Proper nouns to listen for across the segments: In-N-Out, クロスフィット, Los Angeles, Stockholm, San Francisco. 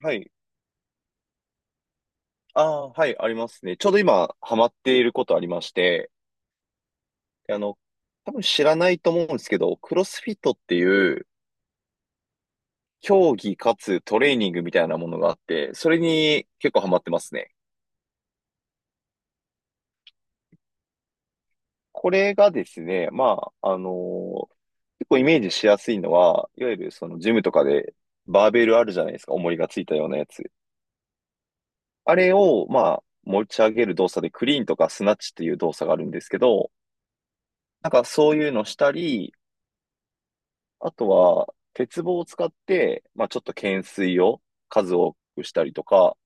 はい。ああ、はい、ありますね。ちょうど今、ハマっていることありまして、あの、多分知らないと思うんですけど、クロスフィットっていう、競技かつトレーニングみたいなものがあって、それに結構ハマってますね。これがですね、まあ、結構イメージしやすいのは、いわゆるそのジムとかで、バーベルあるじゃないですか、重りがついたようなやつ。あれを、まあ、持ち上げる動作で、クリーンとかスナッチっていう動作があるんですけど、なんかそういうのしたり、あとは、鉄棒を使って、まあ、ちょっと懸垂を数多くしたりとか、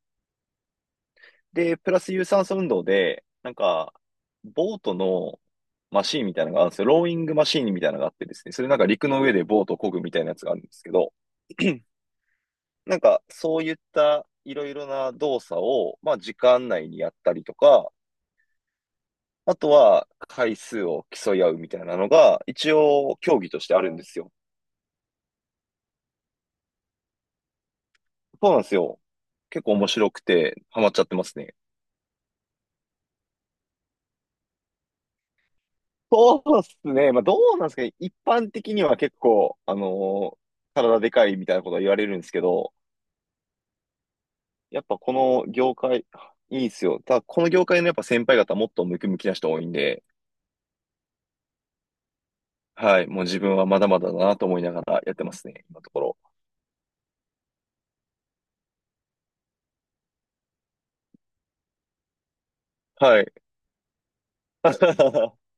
で、プラス有酸素運動で、なんか、ボートのマシーンみたいなのがあるんですよ。ローイングマシーンみたいなのがあってですね、それなんか陸の上でボートを漕ぐみたいなやつがあるんですけど、なんか、そういったいろいろな動作を、まあ、時間内にやったりとか、あとは回数を競い合うみたいなのが、一応競技としてあるんですよ。そうなんですよ。結構面白くて、ハマっちゃってますね。そうっすね。まあ、どうなんですかね。一般的には結構、体でかいみたいなことは言われるんですけど、やっぱこの業界、いいっすよ。ただ、この業界のやっぱ先輩方もっとムキムキな人多いんで、はい。もう自分はまだまだだなと思いながらやってますね、今のところ。はい。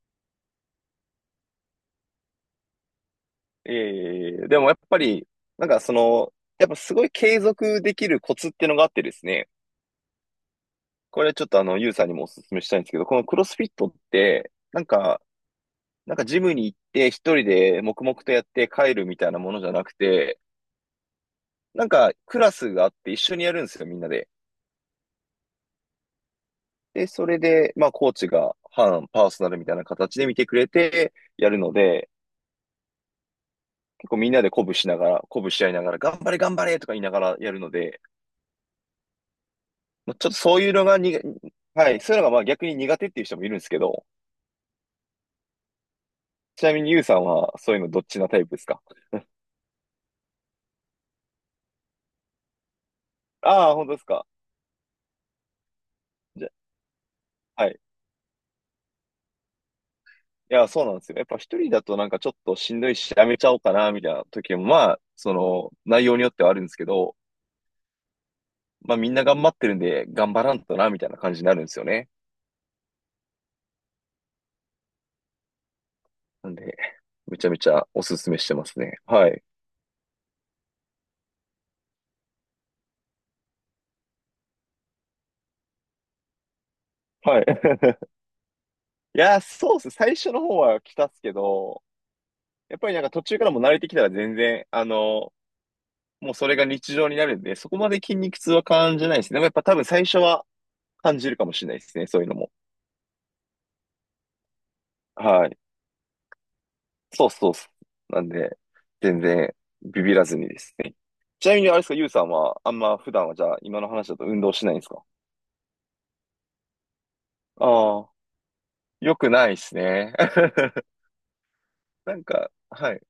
いえいえいえ。でもやっぱり、なんかその、やっぱすごい継続できるコツっていうのがあってですね、これちょっとユウさんにもお勧めしたいんですけど、このクロスフィットって、なんか、なんかジムに行って一人で黙々とやって帰るみたいなものじゃなくて、なんかクラスがあって一緒にやるんですよ、みんなで。で、それで、まあコーチが半パーソナルみたいな形で見てくれてやるので、結構みんなで鼓舞しながら、鼓舞し合いながら、頑張れ頑張れとか言いながらやるので、まあちょっとそういうのがにが、はい、そういうのがまあ逆に苦手っていう人もいるんですけど、ちなみにユウさんはそういうのどっちなタイプですか？ ああ、本当ですか？じゃ、はい。いや、そうなんですよね。やっぱ一人だとなんかちょっとしんどいし、やめちゃおうかな、みたいな時も、まあ、その、内容によってはあるんですけど、まあみんな頑張ってるんで、頑張らんとな、みたいな感じになるんですよね。なんで、めちゃめちゃおすすめしてますね。はい。はい。いや、そうっす。最初の方は来たっすけど、やっぱりなんか途中からも慣れてきたら全然、あの、もうそれが日常になるんで、そこまで筋肉痛は感じないですね。でもやっぱ多分最初は感じるかもしれないですね。そういうのも。はい。そうそうそう。なんで、全然ビビらずにですね。ちなみにあれですか、ゆうさんは、あんま普段はじゃあ、今の話だと運動しないんですか？ああ、よくないですね。なんか、はい。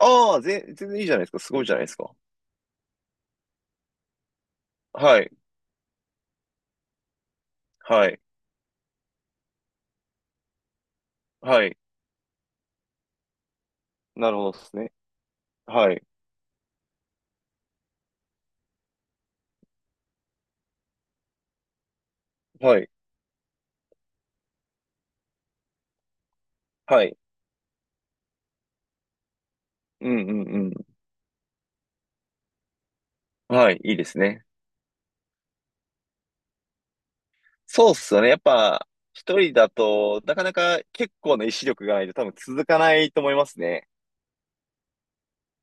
ああ、全然いいじゃないですか。すごいじゃないですか。はい、はい、はい。なるほどですね。はい、はい、はい。うんうんうん。はい、いいですね。そうっすよね。やっぱ、一人だと、なかなか結構な意志力がないと多分続かないと思いますね。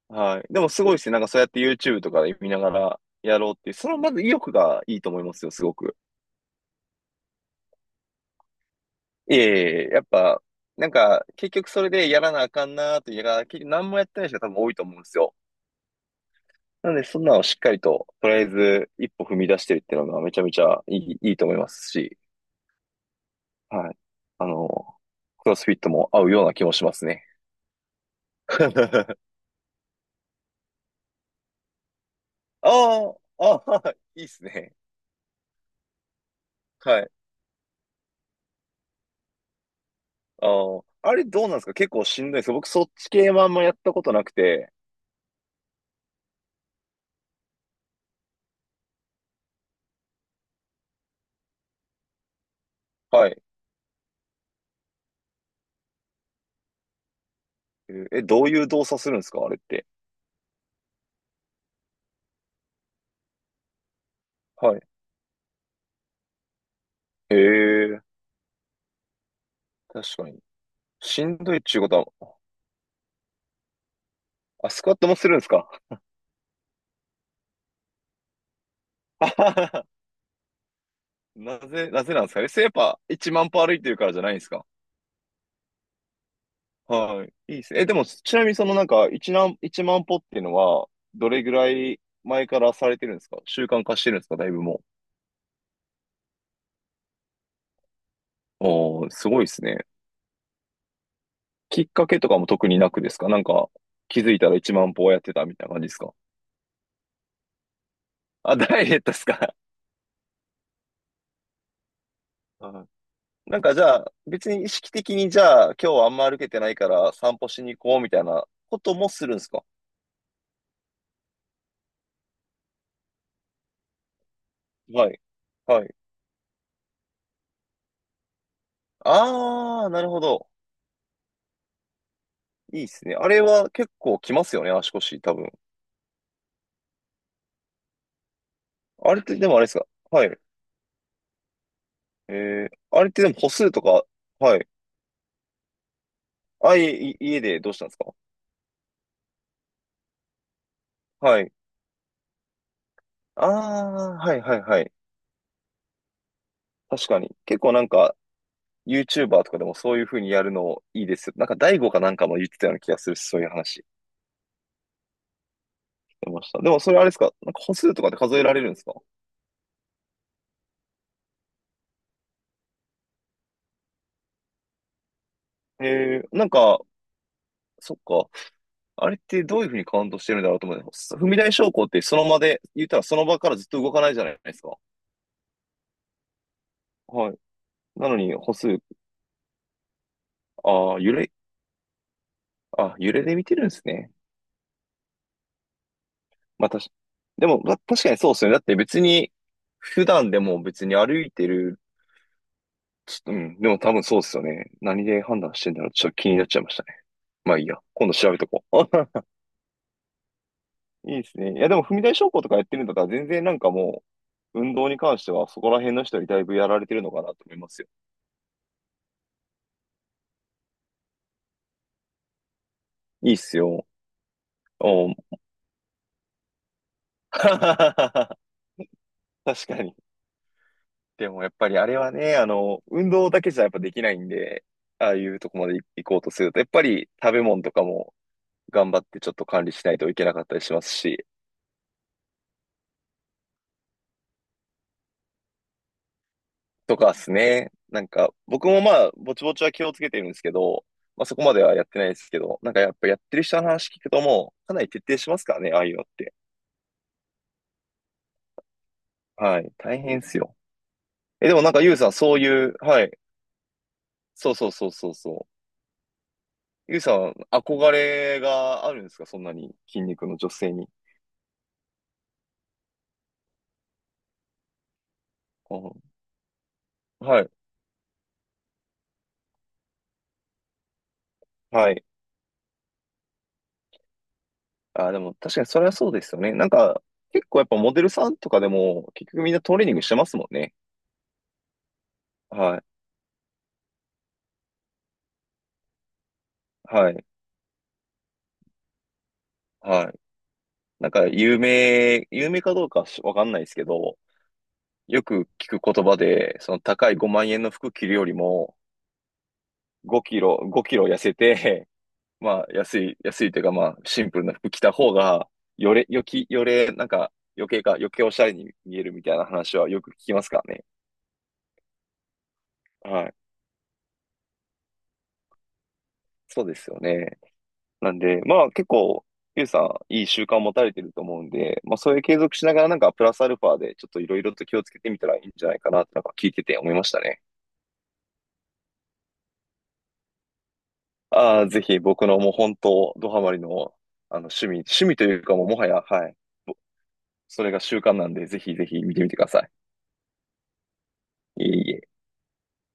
はい。でもすごいですね。なんかそうやって YouTube とかで見ながらやろうっていう、そのまず意欲がいいと思いますよ、すごく。いえいえ、やっぱ、なんか結局それでやらなあかんなーというか結局何もやってない人が多分多いと思うんですよ。なので、そんなのをしっかりと、とりあえず一歩踏み出してるっていうのがめちゃめちゃいいと思いますし、はい。あの、クロスフィットも合うような気もしますね。ああ、ああ、いいっすね。はい。ああ、あれどうなんですか？結構しんどいです？僕そっち系もあんまやったことなくて、はい。えーえどういう動作するんですかあれって。はい。ええ、確かに。しんどいっちゅうことは、あ、スクワットもするんですか？あはは なぜ、なぜなんですかね。やっぱ1万歩歩いてるからじゃないんですか？はい。いいですね。え、でも、ちなみにそのなんか、1万、一万歩っていうのは、どれぐらい前からされてるんですか？習慣化してるんですか？だいぶもう。おー、すごいですね。きっかけとかも特になくですか？なんか、気づいたら1万歩をやってたみたいな感じですか？あ、ダイエットですか？はい なんかじゃあ、別に意識的にじゃあ、今日はあんま歩けてないから散歩しに行こうみたいなこともするんですか？はい。はい。あー、なるほど。いいっすね。あれは結構きますよね、足腰、多分。あれって、でもあれですか？はい。えー、あれってでも歩数とか、はい。家でどうしたんですか？はい。あー、はいはいはい。確かに。結構なんか、YouTuber とかでもそういう風にやるのいいですよ。なんか、大悟かなんかも言ってたような気がする、そういう話。出ました。でもそれあれですか？なんか歩数とかで数えられるんですか？へえー、なんか、そっか。あれってどういうふうにカウントしてるんだろうと思う。踏み台昇降ってその場で、言ったらその場からずっと動かないじゃないですか。はい。なのに歩数、ああ、揺れ、あ、揺れで見てるんですね。まあ、でも、確かにそうですよね。だって別に、普段でも別に歩いてる、ちょっと、うん、でも多分そうですよね。何で判断してんだろう。ちょっと気になっちゃいましたね。まあいいや。今度調べとこう。いいですね。いや、でも、踏み台昇降とかやってるんだったら、全然なんかもう、運動に関しては、そこら辺の人にだいぶやられてるのかなと思いますよ。いいっすよ。お 確かに。でも、やっぱりあれはね、あの、運動だけじゃやっぱできないんで、ああいうとこまで行こうとすると、やっぱり食べ物とかも頑張ってちょっと管理しないといけなかったりしますし、とかですね。なんか、僕もまあ、ぼちぼちは気をつけてるんですけど、まあそこまではやってないですけど、なんかやっぱやってる人の話聞くともう、かなり徹底しますからね、ああいうのって。はい。大変ですよ。え、でもなんかゆうさん、そういう、はい。そうそうそうそうそう。ゆうさん、憧れがあるんですか？そんなに筋肉の女性に。うんはい。はい。あ、でも確かにそれはそうですよね。なんか、結構やっぱモデルさんとかでも、結局みんなトレーニングしてますもんね。はい。はい。はい。なんか有名かどうかしわかんないですけど、よく聞く言葉で、その高い5万円の服着るよりも、5キロ痩せて、まあ安いというかまあシンプルな服着た方が、よれ、よき、よれ、なんか余計おしゃれに見えるみたいな話はよく聞きますからね。はい。そうですよね。なんで、まあ結構、ゆうさん、いい習慣を持たれてると思うんで、まあそういう継続しながらなんかプラスアルファでちょっといろいろと気をつけてみたらいいんじゃないかなってなんか聞いてて思いましたね。ああ、ぜひ僕のもう本当、ドハマりの、あの、趣味というかもうもはや、はい。ぼそれが習慣なんで、ぜひぜひ見てみてください。いえいえ。